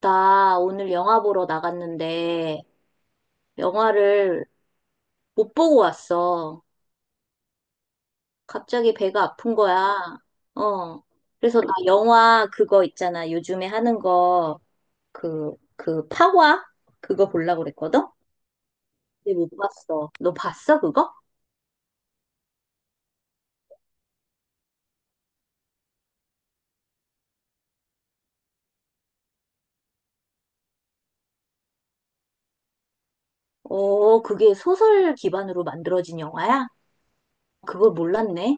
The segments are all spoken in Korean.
나 오늘 영화 보러 나갔는데 영화를 못 보고 왔어. 갑자기 배가 아픈 거야. 어. 그래서 나 영화 그거 있잖아. 요즘에 하는 거 그 파과? 그거 보려고 그랬거든? 근데 못 봤어. 너 봤어, 그거? 어, 그게 소설 기반으로 만들어진 영화야? 그걸 몰랐네.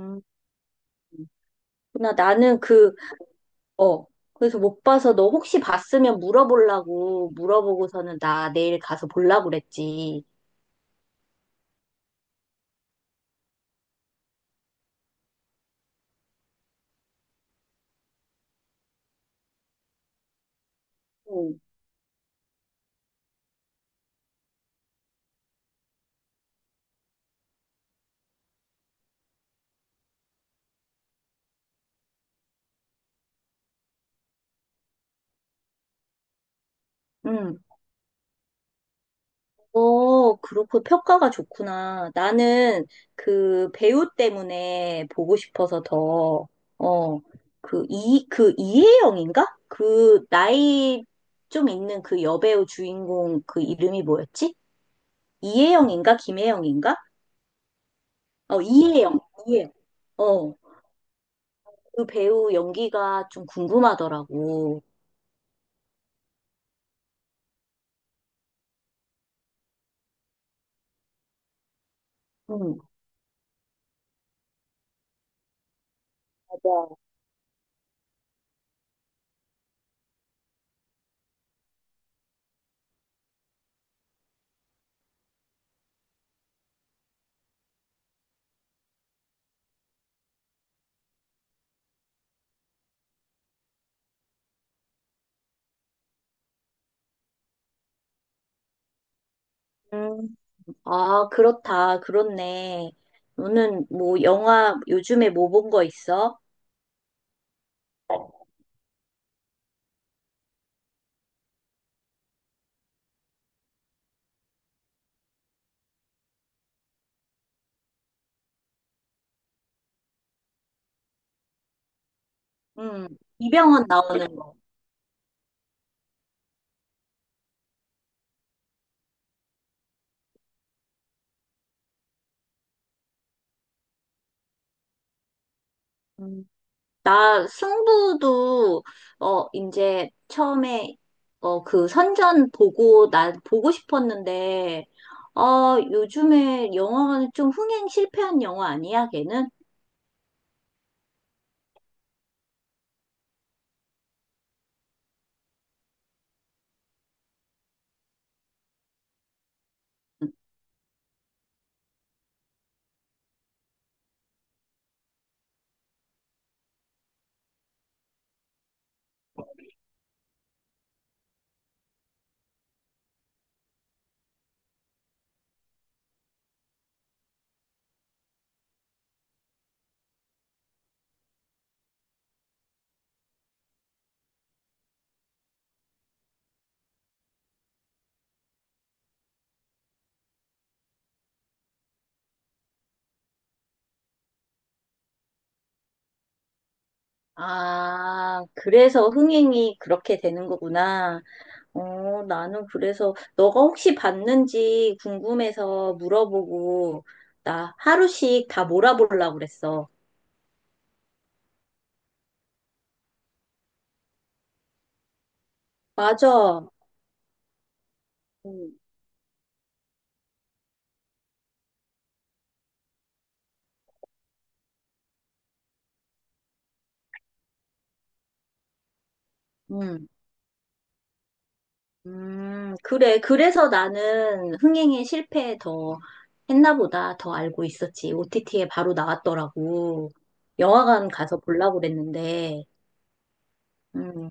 음. 나 나는 그 어. 그래서 못 봐서 너 혹시 봤으면 물어보려고 물어보고서는 나 내일 가서 보려고 그랬지. 응. 응. 어, 그렇고 평가가 좋구나. 나는 그 배우 때문에 보고 싶어서 더, 어, 그 이혜영인가? 그 나이 좀 있는 그 여배우 주인공 그 이름이 뭐였지? 이혜영인가? 김혜영인가? 어, 이혜영. 이혜영. 어, 그 배우 연기가 좀 궁금하더라고. 응. 맞아. 음. 아, 그렇다. 그렇네. 너는 뭐 영화 요즘에 뭐 본 거 있어? 음. 이병헌 나오는 거. 음. 나 승부도 어 이제 처음에 어 그 선전 보고 나 보고 싶었는데 어 요즘에 영화관은 좀 흥행 실패한 영화 아니야, 걔는? 아, 그래서 흥행이 그렇게 되는 거구나. 어, 나는 그래서 너가 혹시 봤는지 궁금해서 물어보고 나 하루씩 다 몰아보려고 그랬어. 맞아. 음. 음, 그래. 그래서 나는 흥행에 실패 더 했나 보다 더 알고 있었지. OTT에 바로 나왔더라고. 영화관 가서 보려고 그랬는데. 음.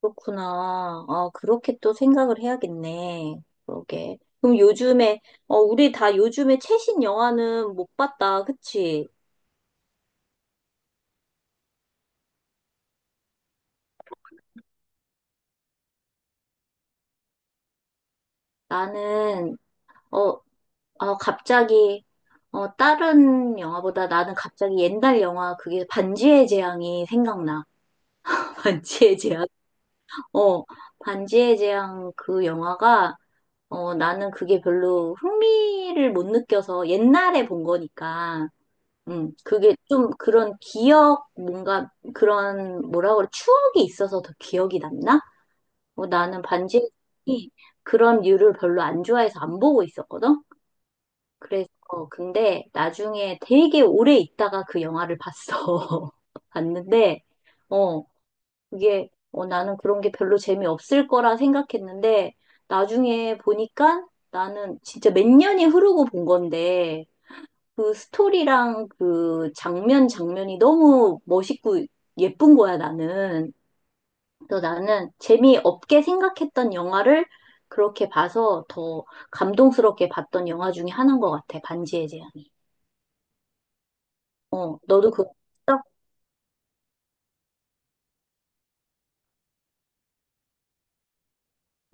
그렇구나. 아, 그렇게 또 생각을 해야겠네. 그러게. 그럼 요즘에, 어, 우리 다 요즘에 최신 영화는 못 봤다. 그치? 나는, 어, 갑자기, 어, 다른 영화보다 나는 갑자기 옛날 영화, 그게 반지의 제왕이 생각나. 반지의 제왕? 어, 반지의 제왕 그 영화가, 어, 나는 그게 별로 흥미를 못 느껴서 옛날에 본 거니까. 그게 좀 그런 기억, 뭔가 그런 뭐라 그래, 추억이 있어서 더 기억이 남나? 뭐 나는 반지의 제왕이 그런 류를 별로 안 좋아해서 안 보고 있었거든? 그래서, 근데 나중에 되게 오래 있다가 그 영화를 봤어. 봤는데, 어, 그게, 어, 나는 그런 게 별로 재미없을 거라 생각했는데, 나중에 보니까 나는 진짜 몇 년이 흐르고 본 건데, 그 스토리랑 그 장면 장면이 너무 멋있고 예쁜 거야, 나는. 또 나는 재미없게 생각했던 영화를 그렇게 봐서 더 감동스럽게 봤던 영화 중에 하나인 것 같아, 반지의 제왕이. 어, 너도 그거 봤어?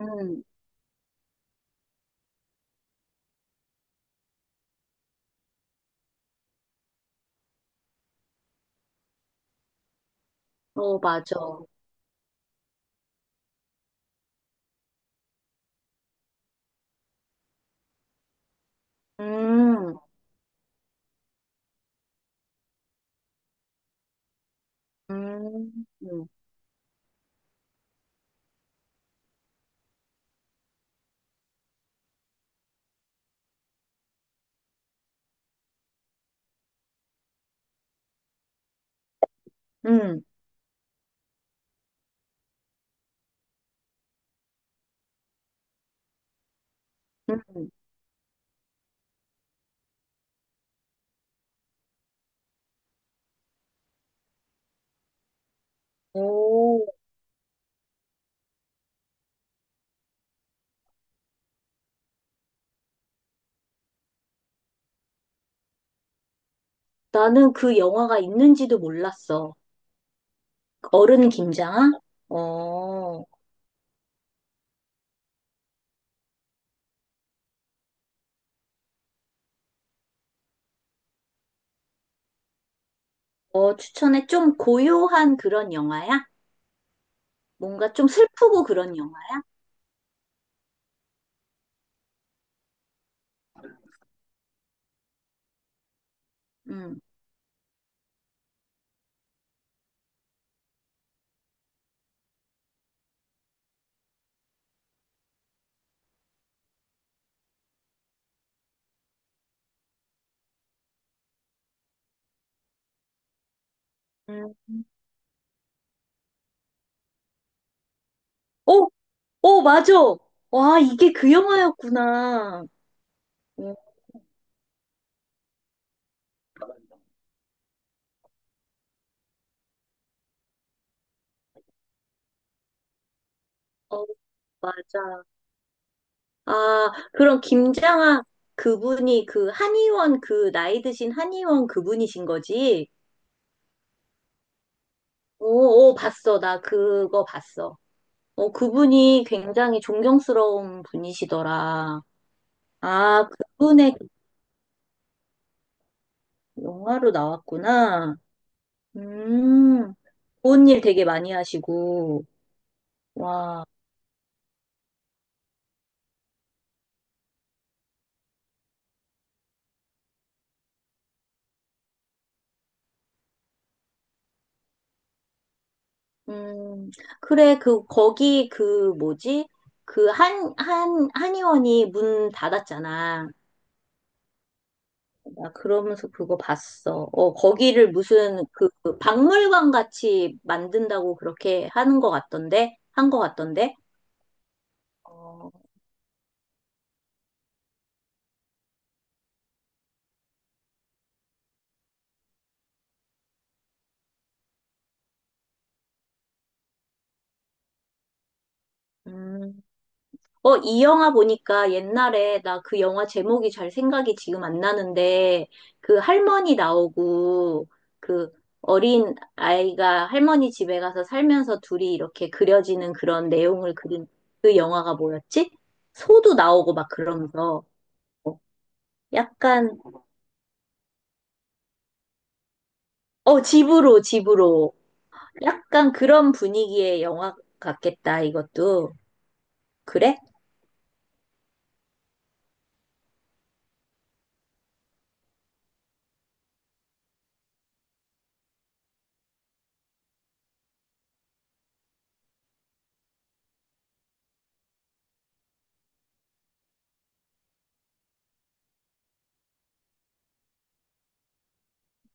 음, 어, 맞아. 음, 음, 음, 음, 음. 오, 나는 그 영화가 있는지도 몰랐어. 어른 김장아? 어. 어, 추천해. 좀 고요한 그런 영화야? 뭔가 좀 슬프고 그런 영화야? 음. 음. 오, 오, 맞아. 와, 이게 그 영화였구나. 어, 어, 맞아. 아, 그럼 김장하 그분이 그 한의원 그 나이 드신 한의원 그분이신 거지? 오, 오, 봤어. 나 그거 봤어. 어, 그분이 굉장히 존경스러운 분이시더라. 아, 그분의 영화로 나왔구나. 음, 좋은 일 되게 많이 하시고, 와, 음, 그래, 뭐지? 한의원이 문 닫았잖아. 나 그러면서 그거 봤어. 어, 거기를 무슨, 그 박물관 같이 만든다고 그렇게 하는 것 같던데? 한 것 같던데? 어, 음. 어, 이 영화 보니까 옛날에 나 그 영화 제목이 잘 생각이 지금 안 나는데 그 할머니 나오고 그 어린 아이가 할머니 집에 가서 살면서 둘이 이렇게 그려지는 그런 내용을 그린 그 영화가 뭐였지? 소도 나오고 막 그러면서 약간 어, 집으로 약간 그런 분위기의 영화 같겠다 이것도 그래?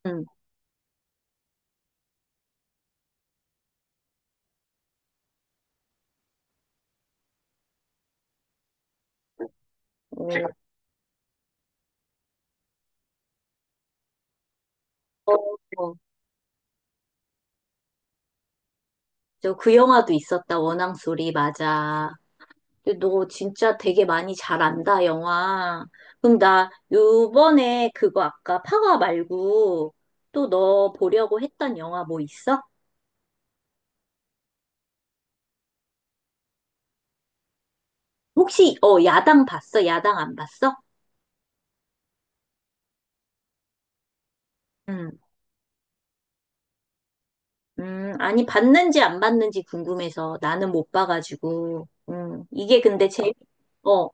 응. 어, 어, 어. 저 그 영화도 있었다 원앙 소리 맞아. 근데 너 진짜 되게 많이 잘 안다, 영화. 그럼 나 요번에 그거 아까 파워 말고 또 너 보려고 했던 영화 뭐 있어? 혹시, 어, 야당 봤어? 야당 안 봤어? 응. 아니, 봤는지 안 봤는지 궁금해서 나는 못 봐가지고. 이게 근데 재미, 어,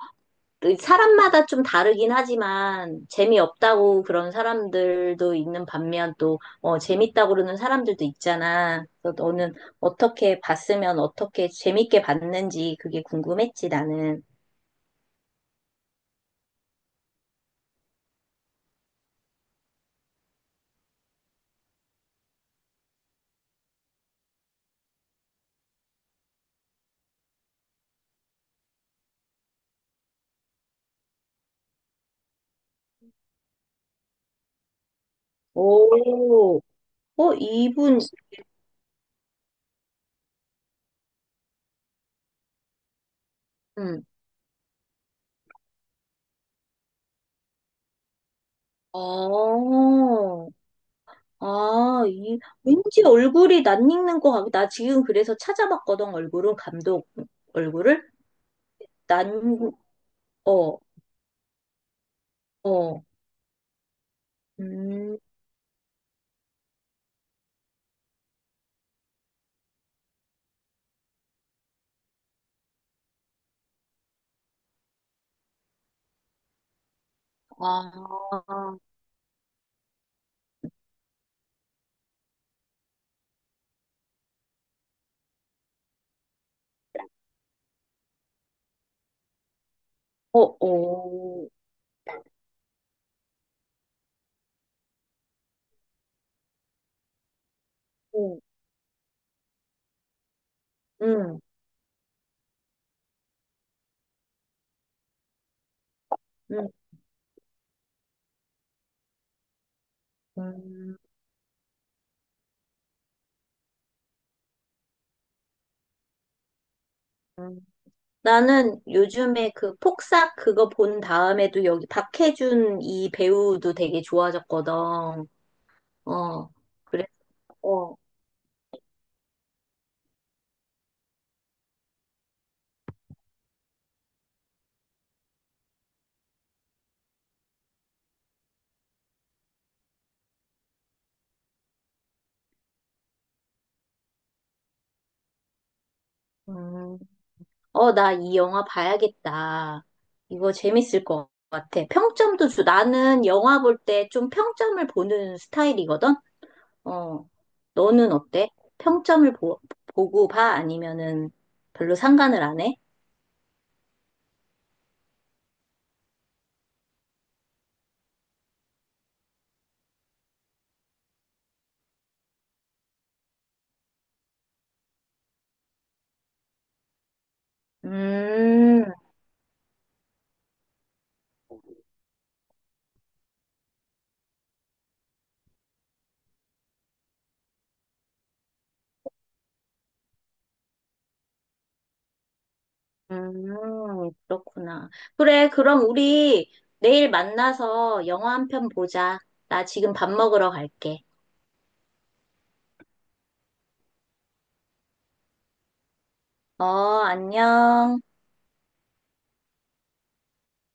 그 사람마다 좀 다르긴 하지만 재미없다고 그런 사람들도 있는 반면 또 어, 재밌다고 그러는 사람들도 있잖아. 그래서 너는 어떻게 봤으면 어떻게 재밌게 봤는지 그게 궁금했지, 나는. 오, 어, 이분, 음, 어, 아, 이, 왠지 얼굴이 낯익는 거 같아. 나 지금 그래서 찾아봤거든, 얼굴은, 감독 얼굴을. 난, 어, 어, 음, 아. 어, 어, 어, 음, 음, 음, 음. 나는 요즘에 그 폭싹 그거 본 다음에도 여기 박해준 이 배우도 되게 좋아졌거든. 어, 그래서, 어, 음. 어, 나 이 영화 봐야겠다. 이거 재밌을 것 같아. 평점도 주, 나는 영화 볼 때 좀 평점을 보는 스타일이거든? 어, 너는 어때? 평점을 보, 보고 봐? 아니면은 별로 상관을 안 해? 음, 그렇구나. 그래, 그럼 우리 내일 만나서 영화 한 편 보자. 나 지금 밥 먹으러 갈게. 어, 안녕.